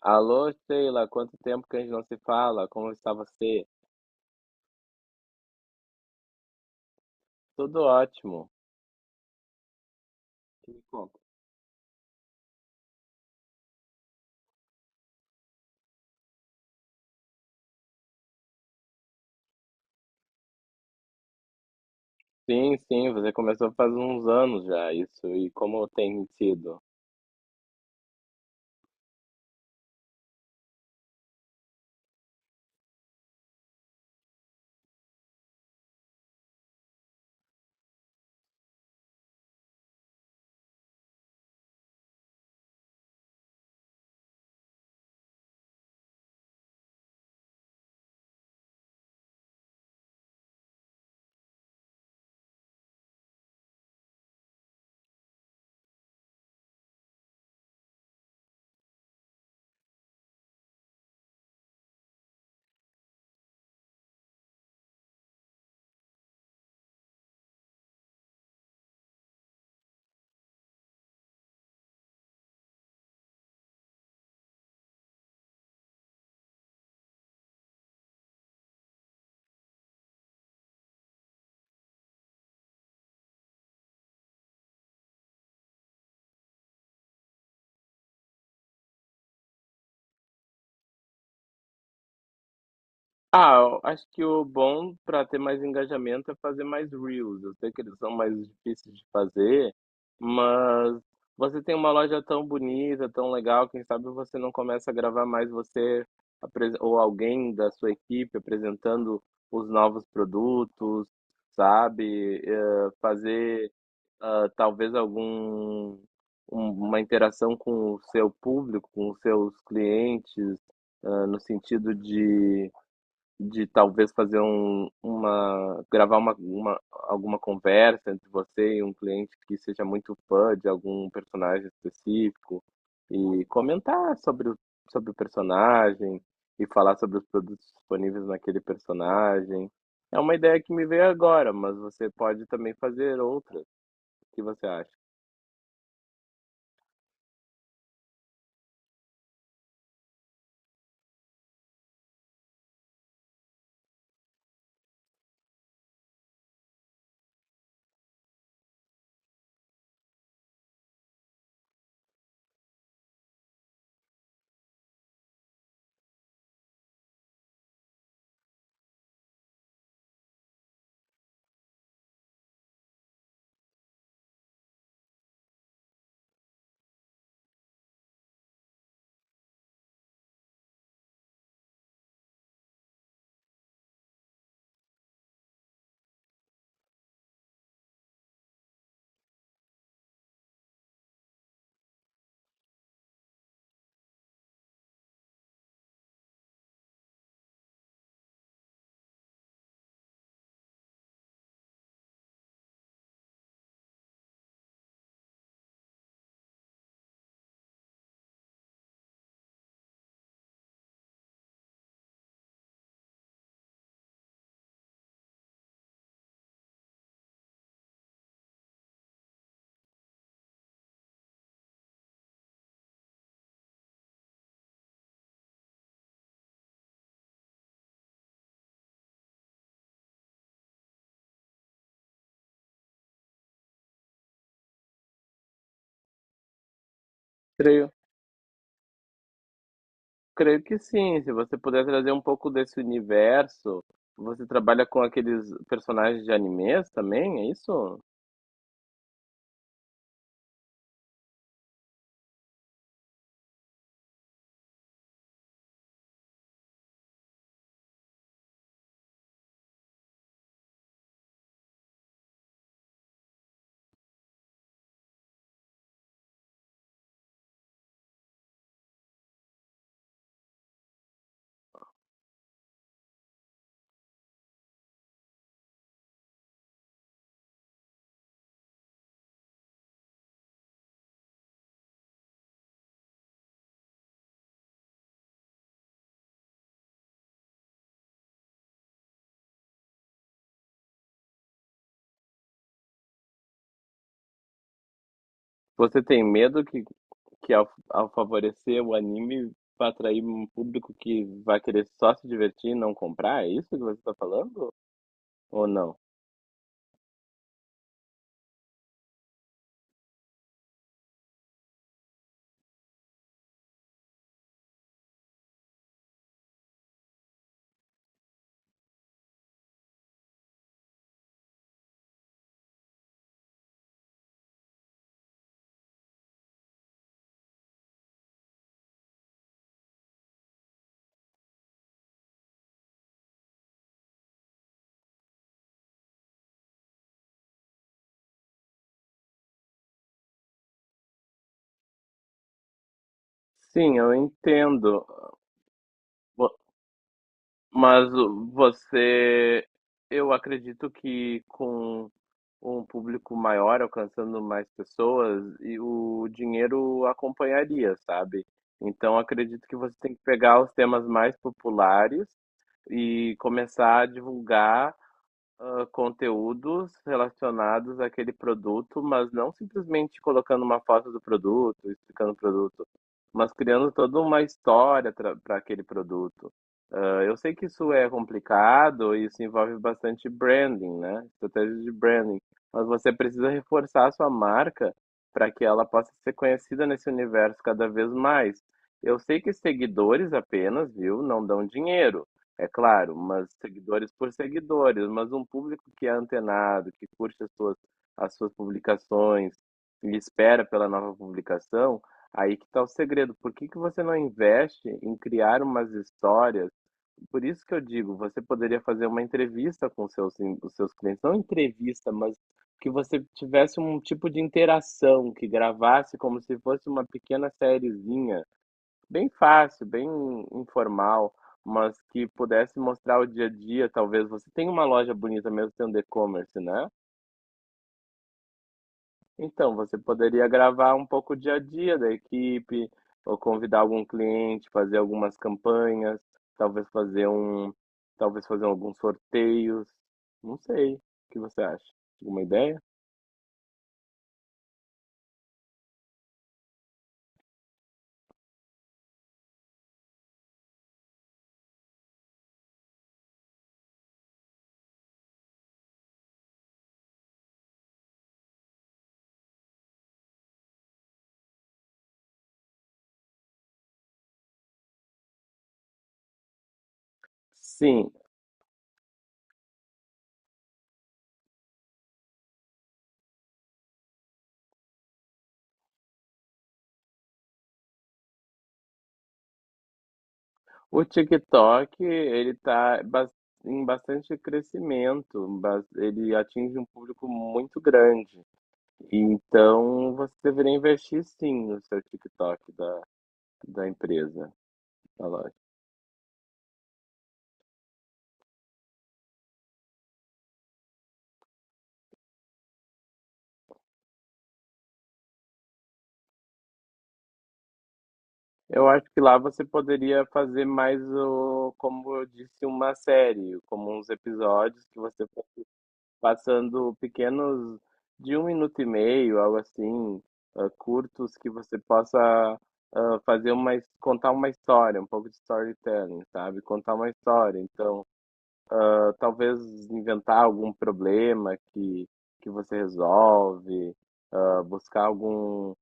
Alô, Sheila, quanto tempo que a gente não se fala? Como está você? Tudo ótimo. Que me conta. Sim, você começou faz uns anos já isso. E como tem sido? Ah, eu acho que o bom para ter mais engajamento é fazer mais reels. Eu sei que eles são mais difíceis de fazer, mas você tem uma loja tão bonita, tão legal, quem sabe você não começa a gravar mais você ou alguém da sua equipe apresentando os novos produtos, sabe? Fazer talvez algum uma interação com o seu público, com os seus clientes, ah, no sentido de talvez fazer um uma gravar uma alguma conversa entre você e um cliente que seja muito fã de algum personagem específico, e comentar sobre o personagem, e falar sobre os produtos disponíveis naquele personagem. É uma ideia que me veio agora, mas você pode também fazer outras. O que você acha? Creio. Creio que sim, se você puder trazer um pouco desse universo. Você trabalha com aqueles personagens de animes também, é isso? Você tem medo que ao favorecer o anime vai atrair um público que vai querer só se divertir e não comprar? É isso que você está falando? Ou não? Sim, eu entendo. Vo- você, eu acredito que com um público maior, alcançando mais pessoas, e o dinheiro acompanharia, sabe? Então acredito que você tem que pegar os temas mais populares e começar a divulgar ah, conteúdos relacionados àquele produto, mas não simplesmente colocando uma foto do produto, explicando o produto, mas criando toda uma história para aquele produto. Ah, eu sei que isso é complicado e isso envolve bastante branding, né? Estratégia de branding. Mas você precisa reforçar a sua marca para que ela possa ser conhecida nesse universo cada vez mais. Eu sei que seguidores apenas, viu, não dão dinheiro. É claro, mas seguidores por seguidores, mas um público que é antenado, que curte as suas publicações e espera pela nova publicação, aí que está o segredo. Por que que você não investe em criar umas histórias? Por isso que eu digo, você poderia fazer uma entrevista com os seus clientes, não entrevista, mas que você tivesse um tipo de interação, que gravasse como se fosse uma pequena sériezinha. Bem fácil, bem informal, mas que pudesse mostrar o dia a dia, talvez você tem uma loja bonita mesmo tendo e-commerce, né? Então, você poderia gravar um pouco o dia a dia da equipe, ou convidar algum cliente, fazer algumas campanhas, talvez fazer um, talvez fazer alguns sorteios, não sei. O que você acha? Alguma ideia? Sim, o TikTok, ele em bastante crescimento, ele atinge um público muito grande. Então, você deveria investir sim no seu TikTok da, da empresa, da loja. Eu acho que lá você poderia fazer mais, o, como eu disse, uma série, como uns episódios que você passando pequenos de um minuto e meio, algo assim, ah, curtos que você possa ah, fazer uma, contar uma história, um pouco de storytelling, sabe? Contar uma história. Então, ah, talvez inventar algum problema que você resolve, ah, buscar algum.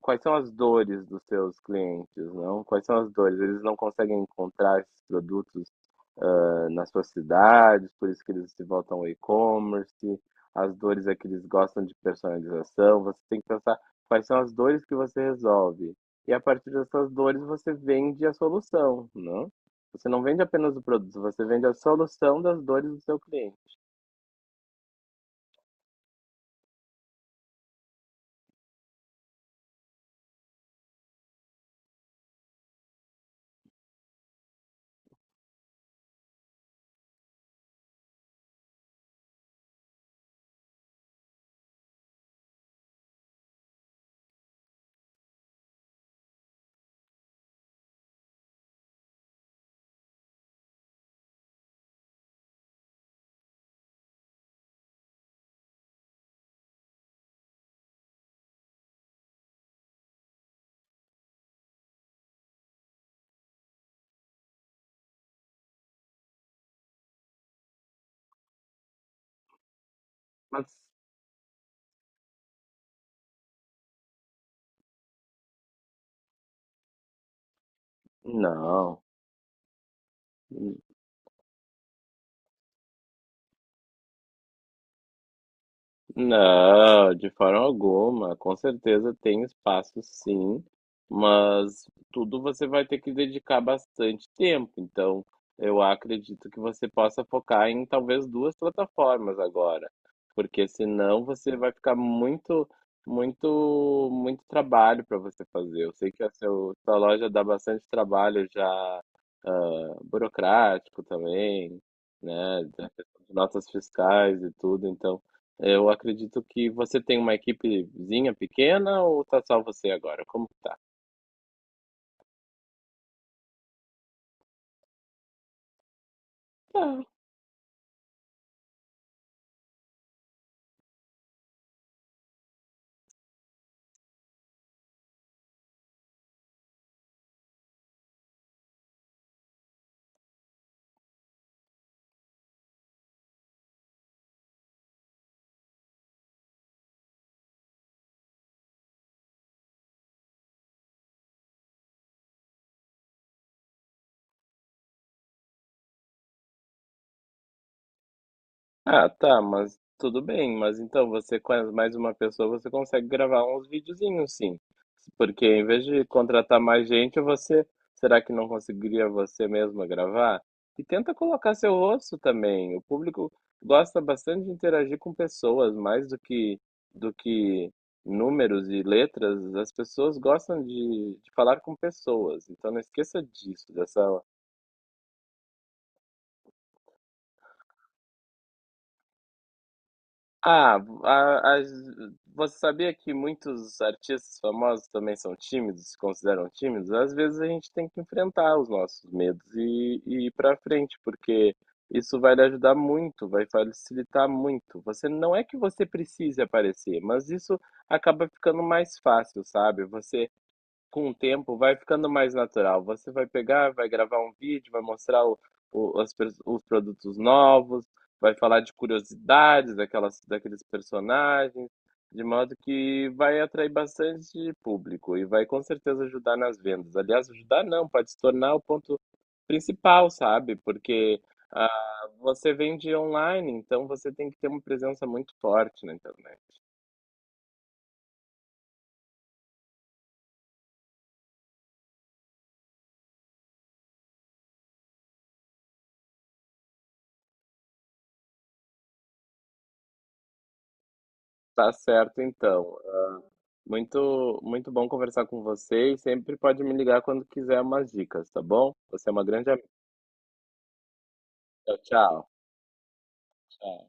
Quais são as dores dos seus clientes, não? Quais são as dores? Eles não conseguem encontrar esses produtos nas suas cidades, por isso que eles se voltam ao e-commerce, as dores é que eles gostam de personalização, você tem que pensar quais são as dores que você resolve. E a partir dessas dores você vende a solução, não? Você não vende apenas o produto, você vende a solução das dores do seu cliente. Mas não. Não, de forma alguma. Com certeza tem espaço, sim, mas tudo você vai ter que dedicar bastante tempo. Então, eu acredito que você possa focar em talvez duas plataformas agora, porque senão você vai ficar muito, muito trabalho para você fazer. Eu sei que a sua loja dá bastante trabalho já ah, burocrático também, né? Da questão de notas fiscais e tudo. Então, eu acredito que você tem uma equipezinha pequena ou tá só você agora? Como que tá? Ah, tá, mas tudo bem. Mas então você com mais uma pessoa, você consegue gravar uns videozinhos, sim. Porque em vez de contratar mais gente, você, será que não conseguiria você mesma gravar? E tenta colocar seu rosto também. O público gosta bastante de interagir com pessoas, mais do que do que números e letras. As pessoas gostam de falar com pessoas. Então não esqueça disso, dessa. Ah, a- as- você sabia que muitos artistas famosos também são tímidos, se consideram tímidos? Às vezes a gente tem que enfrentar os nossos medos e ir pra frente, porque isso vai lhe ajudar muito, vai facilitar muito. Você não é que você precise aparecer, mas isso acaba ficando mais fácil, sabe? Você com o tempo vai ficando mais natural. Você vai pegar, vai gravar um vídeo, vai mostrar o, os produtos novos, vai falar de curiosidades daquelas, daqueles personagens, de modo que vai atrair bastante público e vai com certeza ajudar nas vendas. Aliás, ajudar não, pode se tornar o ponto principal, sabe? Porque ah, você vende online, então você tem que ter uma presença muito forte na internet. Tá certo, então. Muito, muito bom conversar com você e sempre pode me ligar quando quiser umas dicas, tá bom? Você é uma grande amiga. Tchau, tchau.